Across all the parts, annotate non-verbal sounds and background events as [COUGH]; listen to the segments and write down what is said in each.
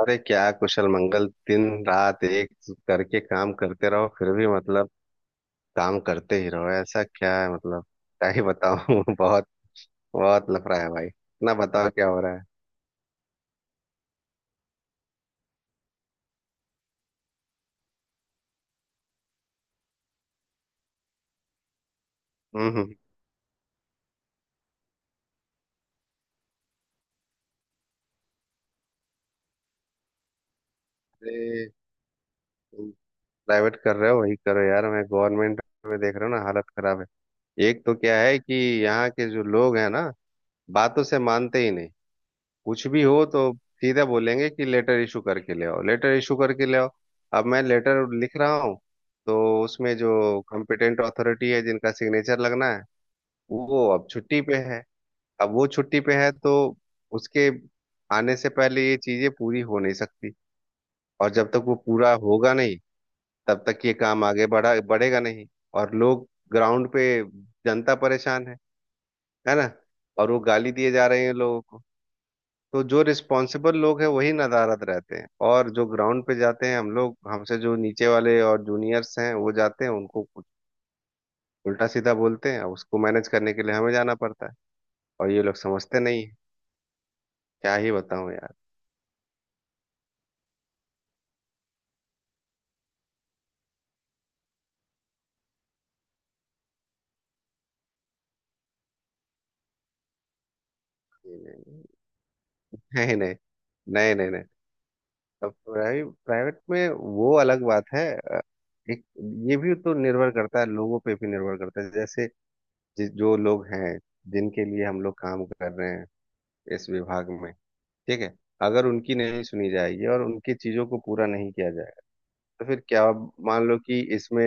अरे, क्या कुशल मंगल। दिन रात एक करके काम करते रहो, फिर भी मतलब काम करते ही रहो। ऐसा क्या है, मतलब क्या ही बताऊं। [LAUGHS] बहुत बहुत लफड़ा है भाई। इतना बताओ क्या हो रहा है। हम्म हम्म। अरे, तुम प्राइवेट कर रहे हो वही करो यार। मैं गवर्नमेंट में देख रहा हूँ ना, हालत खराब है। एक तो क्या है कि यहाँ के जो लोग हैं ना, बातों से मानते ही नहीं। कुछ भी हो तो सीधे बोलेंगे कि लेटर इशू करके ले आओ, लेटर इशू करके ले आओ। अब मैं लेटर लिख रहा हूँ, तो उसमें जो कॉम्पिटेंट अथॉरिटी है, जिनका सिग्नेचर लगना है, वो अब छुट्टी पे है। अब वो छुट्टी पे है, तो उसके आने से पहले ये चीजें पूरी हो नहीं सकती। और जब तक वो पूरा होगा नहीं, तब तक ये काम आगे बढ़ा बढ़ेगा नहीं। और लोग ग्राउंड पे, जनता परेशान है ना। और वो गाली दिए जा रहे हैं लोगों को। तो जो रिस्पॉन्सिबल लोग हैं वही नदारद रहते हैं, और जो ग्राउंड पे जाते हैं हम लोग, हमसे जो नीचे वाले और जूनियर्स हैं वो जाते हैं, उनको कुछ उल्टा सीधा बोलते हैं, उसको मैनेज करने के लिए हमें जाना पड़ता है। और ये लोग समझते नहीं हैं। क्या ही बताऊं यार। नहीं नहीं नहीं, नहीं नहीं नहीं नहीं। अब प्राइवेट में वो अलग बात है। एक, ये भी तो निर्भर करता है, लोगों पे भी निर्भर करता है। जैसे जो लोग हैं जिनके लिए हम लोग काम कर रहे हैं इस विभाग में, ठीक है। अगर उनकी नहीं सुनी जाएगी और उनकी चीजों को पूरा नहीं किया जाएगा, तो फिर क्या? मान लो कि इसमें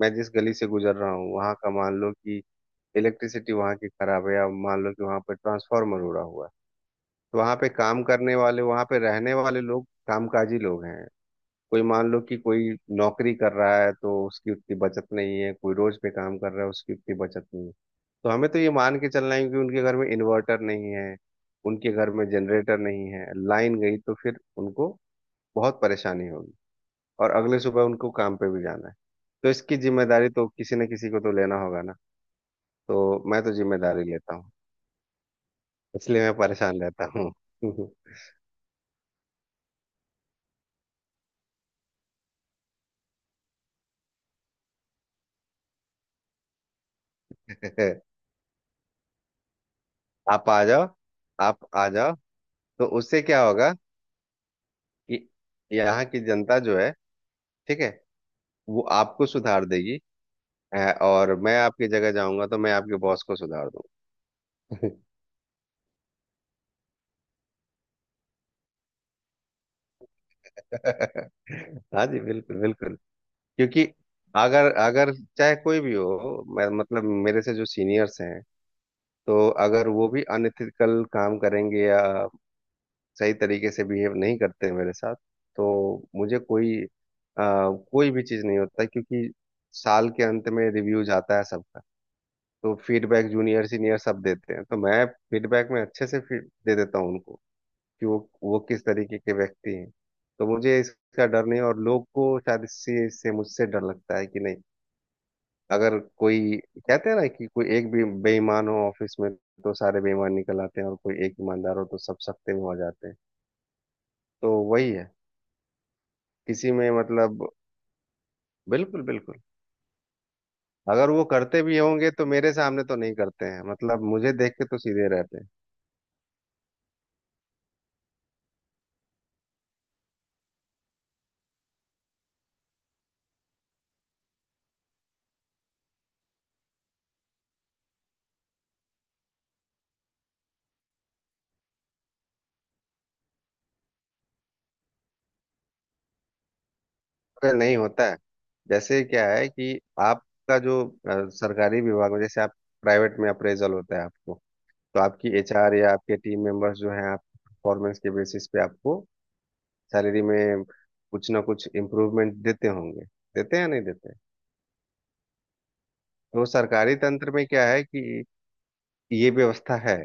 मैं जिस गली से गुजर रहा हूँ, वहां का मान लो कि इलेक्ट्रिसिटी वहां की खराब है, या मान लो कि वहां पर ट्रांसफार्मर उड़ा हुआ है। तो वहां पे काम करने वाले, वहां पे रहने वाले लोग, कामकाजी लोग हैं। कोई मान लो कि कोई नौकरी कर रहा है, तो उसकी उतनी बचत नहीं है। कोई रोज पे काम कर रहा है, उसकी उतनी बचत नहीं है। तो हमें तो ये मान के चलना है कि उनके घर में इन्वर्टर नहीं है, उनके घर में जनरेटर नहीं है। लाइन गई तो फिर उनको बहुत परेशानी होगी। और अगले सुबह उनको काम पे भी जाना है। तो इसकी जिम्मेदारी तो किसी न किसी को तो लेना होगा ना। तो मैं तो जिम्मेदारी लेता हूँ, इसलिए मैं परेशान रहता हूँ। [LAUGHS] आप आ जाओ, आप आ जाओ। तो उससे क्या होगा कि यहाँ की जनता जो है, ठीक है, वो आपको सुधार देगी। और मैं आपकी जगह जाऊंगा तो मैं आपके बॉस को सुधार दूंगा। [LAUGHS] हाँ जी, बिल्कुल बिल्कुल। क्योंकि अगर अगर चाहे कोई भी हो, मैं मतलब मेरे से जो सीनियर्स हैं, तो अगर वो भी अनएथिकल काम करेंगे या सही तरीके से बिहेव नहीं करते मेरे साथ, तो मुझे कोई कोई भी चीज़ नहीं होता। क्योंकि साल के अंत में रिव्यूज आता है सबका, तो फीडबैक जूनियर सीनियर सब देते हैं। तो मैं फीडबैक में अच्छे से फीड दे देता हूँ उनको, कि वो किस तरीके के व्यक्ति हैं। तो मुझे इसका डर नहीं है। और लोग को शायद इससे इससे मुझसे डर लगता है कि नहीं। अगर कोई, कहते हैं ना कि कोई एक भी बेईमान हो ऑफिस में, तो सारे बेईमान निकल आते हैं, और कोई एक ईमानदार हो तो सब सख्ते में हो जाते हैं। तो वही है। किसी में मतलब, बिल्कुल बिल्कुल। अगर वो करते भी होंगे तो मेरे सामने तो नहीं करते हैं, मतलब मुझे देख के तो सीधे रहते हैं। अरे नहीं, होता है। जैसे क्या है कि आपका जो सरकारी विभाग में, जैसे आप प्राइवेट में अप्रेजल होता है आपको, तो आपकी एचआर या आपके टीम मेंबर्स जो हैं, आप परफॉर्मेंस के बेसिस पे आपको सैलरी में कुछ ना कुछ इम्प्रूवमेंट देते होंगे, देते हैं या नहीं देते। तो सरकारी तंत्र में क्या है कि ये व्यवस्था है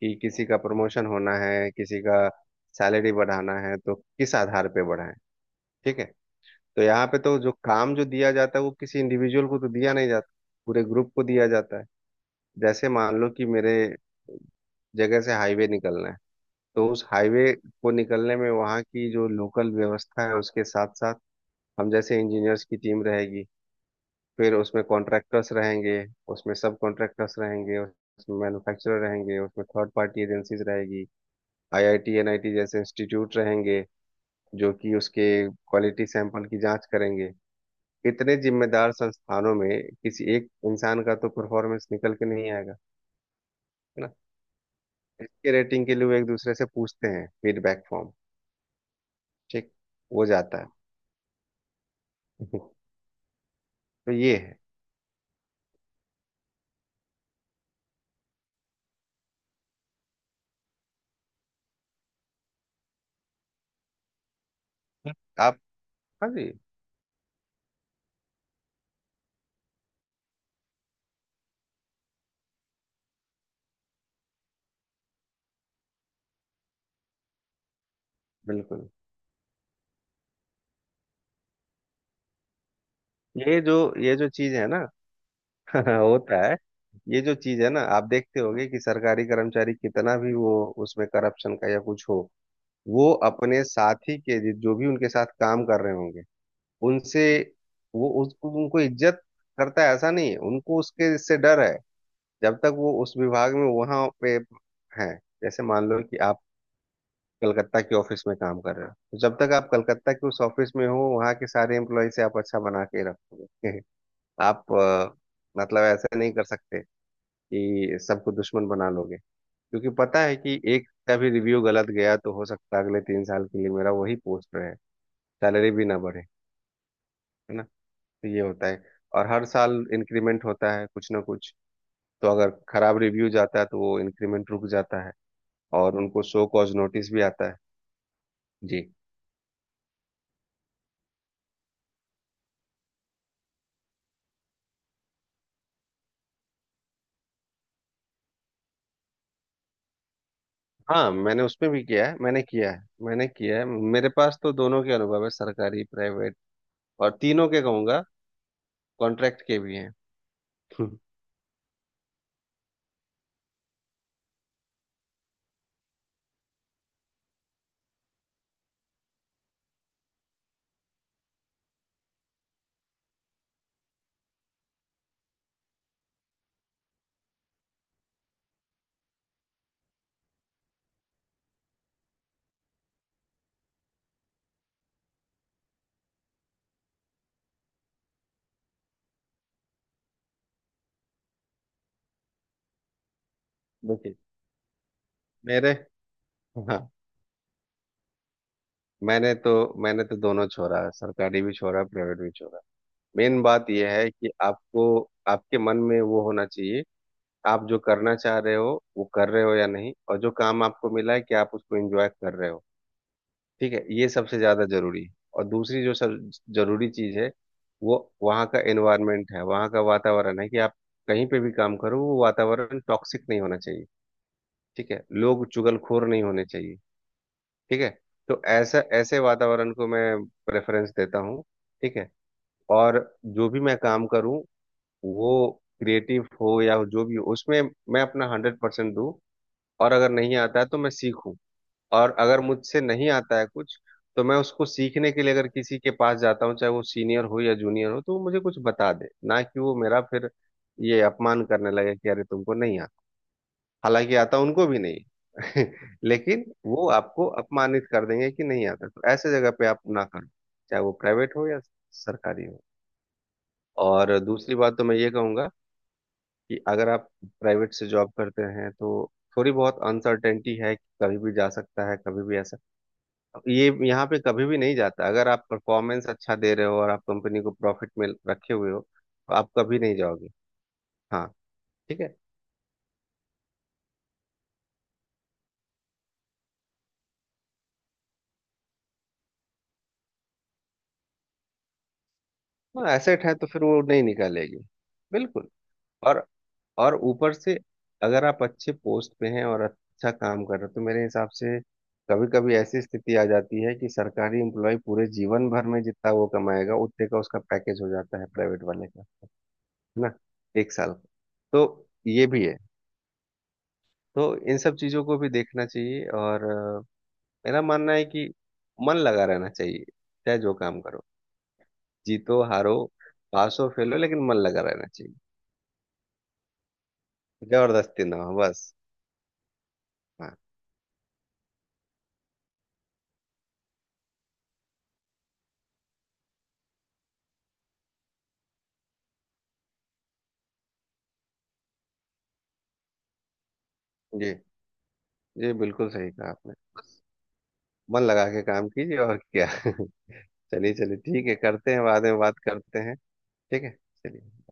कि किसी का प्रमोशन होना है, किसी का सैलरी बढ़ाना है, तो किस आधार पे बढ़ाएं, ठीक है। तो यहाँ पे तो जो काम जो दिया जाता है, वो किसी इंडिविजुअल को तो दिया नहीं जाता, पूरे ग्रुप को दिया जाता है। जैसे मान लो कि मेरे जगह से हाईवे निकलना है, तो उस हाईवे को निकलने में वहाँ की जो लोकल व्यवस्था है, उसके साथ साथ हम जैसे इंजीनियर्स की टीम रहेगी, फिर उसमें कॉन्ट्रैक्टर्स रहेंगे, उसमें सब कॉन्ट्रैक्टर्स रहेंगे, उसमें मैन्युफैक्चरर रहेंगे, उसमें थर्ड पार्टी एजेंसीज रहेगी, आईआईटी एनआईटी जैसे इंस्टीट्यूट रहेंगे, जो कि उसके क्वालिटी सैंपल की जांच करेंगे। इतने जिम्मेदार संस्थानों में किसी एक इंसान का तो परफॉर्मेंस निकल के नहीं आएगा, है ना। इसके रेटिंग के लिए वो एक दूसरे से पूछते हैं फीडबैक फॉर्म, ठीक, वो जाता है। [LAUGHS] तो ये है। आप, हाँ जी, बिल्कुल। ये जो ये जो चीज है ना, [LAUGHS] होता है। ये जो चीज है ना, आप देखते होंगे कि सरकारी कर्मचारी कितना भी वो उसमें करप्शन का या कुछ हो, वो अपने साथी के जो भी उनके साथ काम कर रहे होंगे उनसे, वो उसको उनको इज्जत करता है। ऐसा नहीं है, उनको उसके इससे डर है। जब तक वो उस विभाग में वहां पे हैं। जैसे मान लो कि आप कलकत्ता के ऑफिस में काम कर रहे हो, तो जब तक आप कलकत्ता के उस ऑफिस में हो, वहाँ के सारे एम्प्लॉय से आप अच्छा बना के रखोगे। [LAUGHS] आप मतलब ऐसा नहीं कर सकते कि सबको दुश्मन बना लोगे, क्योंकि पता है कि एक का भी रिव्यू गलत गया तो हो सकता है अगले 3 साल के लिए मेरा वही पोस्ट रहे, सैलरी भी ना बढ़े, है ना। तो ये होता है। और हर साल इंक्रीमेंट होता है कुछ ना कुछ, तो अगर खराब रिव्यूज आता है तो वो इंक्रीमेंट रुक जाता है, और उनको शो कॉज नोटिस भी आता है। जी। हाँ, मैंने उसमें भी किया है, मैंने किया है, मैंने किया है। मेरे पास तो दोनों के अनुभव है, सरकारी प्राइवेट। और तीनों के कहूंगा, कॉन्ट्रैक्ट के भी हैं। [LAUGHS] हम्म, देखिए, मेरे, हाँ, मैंने तो मैंने तो दोनों छोड़ा है, सरकारी भी छोड़ा प्राइवेट भी छोड़ा। मेन बात यह है कि आपको आपके मन में वो होना चाहिए। आप जो करना चाह रहे हो वो कर रहे हो या नहीं, और जो काम आपको मिला है कि आप उसको एंजॉय कर रहे हो, ठीक है। ये सबसे ज्यादा जरूरी है। और दूसरी जो सब जरूरी चीज है, वो वहाँ का एनवायरनमेंट है, वहाँ का वातावरण है, कि आप कहीं पे भी काम करो वो वातावरण टॉक्सिक नहीं होना चाहिए, ठीक है। लोग चुगलखोर नहीं होने चाहिए, ठीक है। तो ऐसा ऐसे वातावरण को मैं प्रेफरेंस देता हूँ, ठीक है। और जो भी मैं काम करूँ, वो क्रिएटिव हो या जो भी हो, उसमें मैं अपना 100% दूँ। और अगर नहीं आता है तो मैं सीखूं। और अगर मुझसे नहीं आता है कुछ, तो मैं उसको सीखने के लिए अगर किसी के पास जाता हूँ, चाहे वो सीनियर हो या जूनियर हो, तो वो मुझे कुछ बता दे ना, कि वो मेरा फिर ये अपमान करने लगे कि अरे तुमको नहीं आता, हालांकि आता उनको भी नहीं। [LAUGHS] लेकिन वो आपको अपमानित कर देंगे कि नहीं आता, तो ऐसे जगह पे आप ना करो, चाहे वो प्राइवेट हो या सरकारी हो। और दूसरी बात तो मैं ये कहूंगा कि अगर आप प्राइवेट से जॉब करते हैं तो थोड़ी बहुत अनसर्टेनिटी है कि कभी भी जा सकता है, कभी भी ऐसा। ये यहाँ पे कभी भी नहीं जाता, अगर आप परफॉर्मेंस अच्छा दे रहे हो और आप कंपनी को प्रॉफिट में रखे हुए हो तो आप कभी नहीं जाओगे। हाँ। ठीक है। हाँ, एसेट है तो फिर वो नहीं निकालेगी। बिल्कुल। और और ऊपर से, अगर आप अच्छे पोस्ट पे हैं और अच्छा काम कर रहे हो, तो मेरे हिसाब से कभी कभी ऐसी स्थिति आ जाती है कि सरकारी एम्प्लॉय पूरे जीवन भर में जितना वो कमाएगा, उतने का उसका पैकेज हो जाता है प्राइवेट वाले का, है ना, एक साल का। तो ये भी है। तो इन सब चीजों को भी देखना चाहिए। और मेरा मानना है कि मन लगा रहना चाहिए। चाहे जो काम करो, जीतो हारो, पास हो फेल हो, लेकिन मन लगा रहना चाहिए। जबरदस्ती ना हो बस। हाँ। जी जी, बिल्कुल सही कहा आपने। मन लगा के काम कीजिए, और क्या। [LAUGHS] चलिए चलिए, ठीक है, करते हैं, बाद में बात करते हैं। ठीक है। चलिए।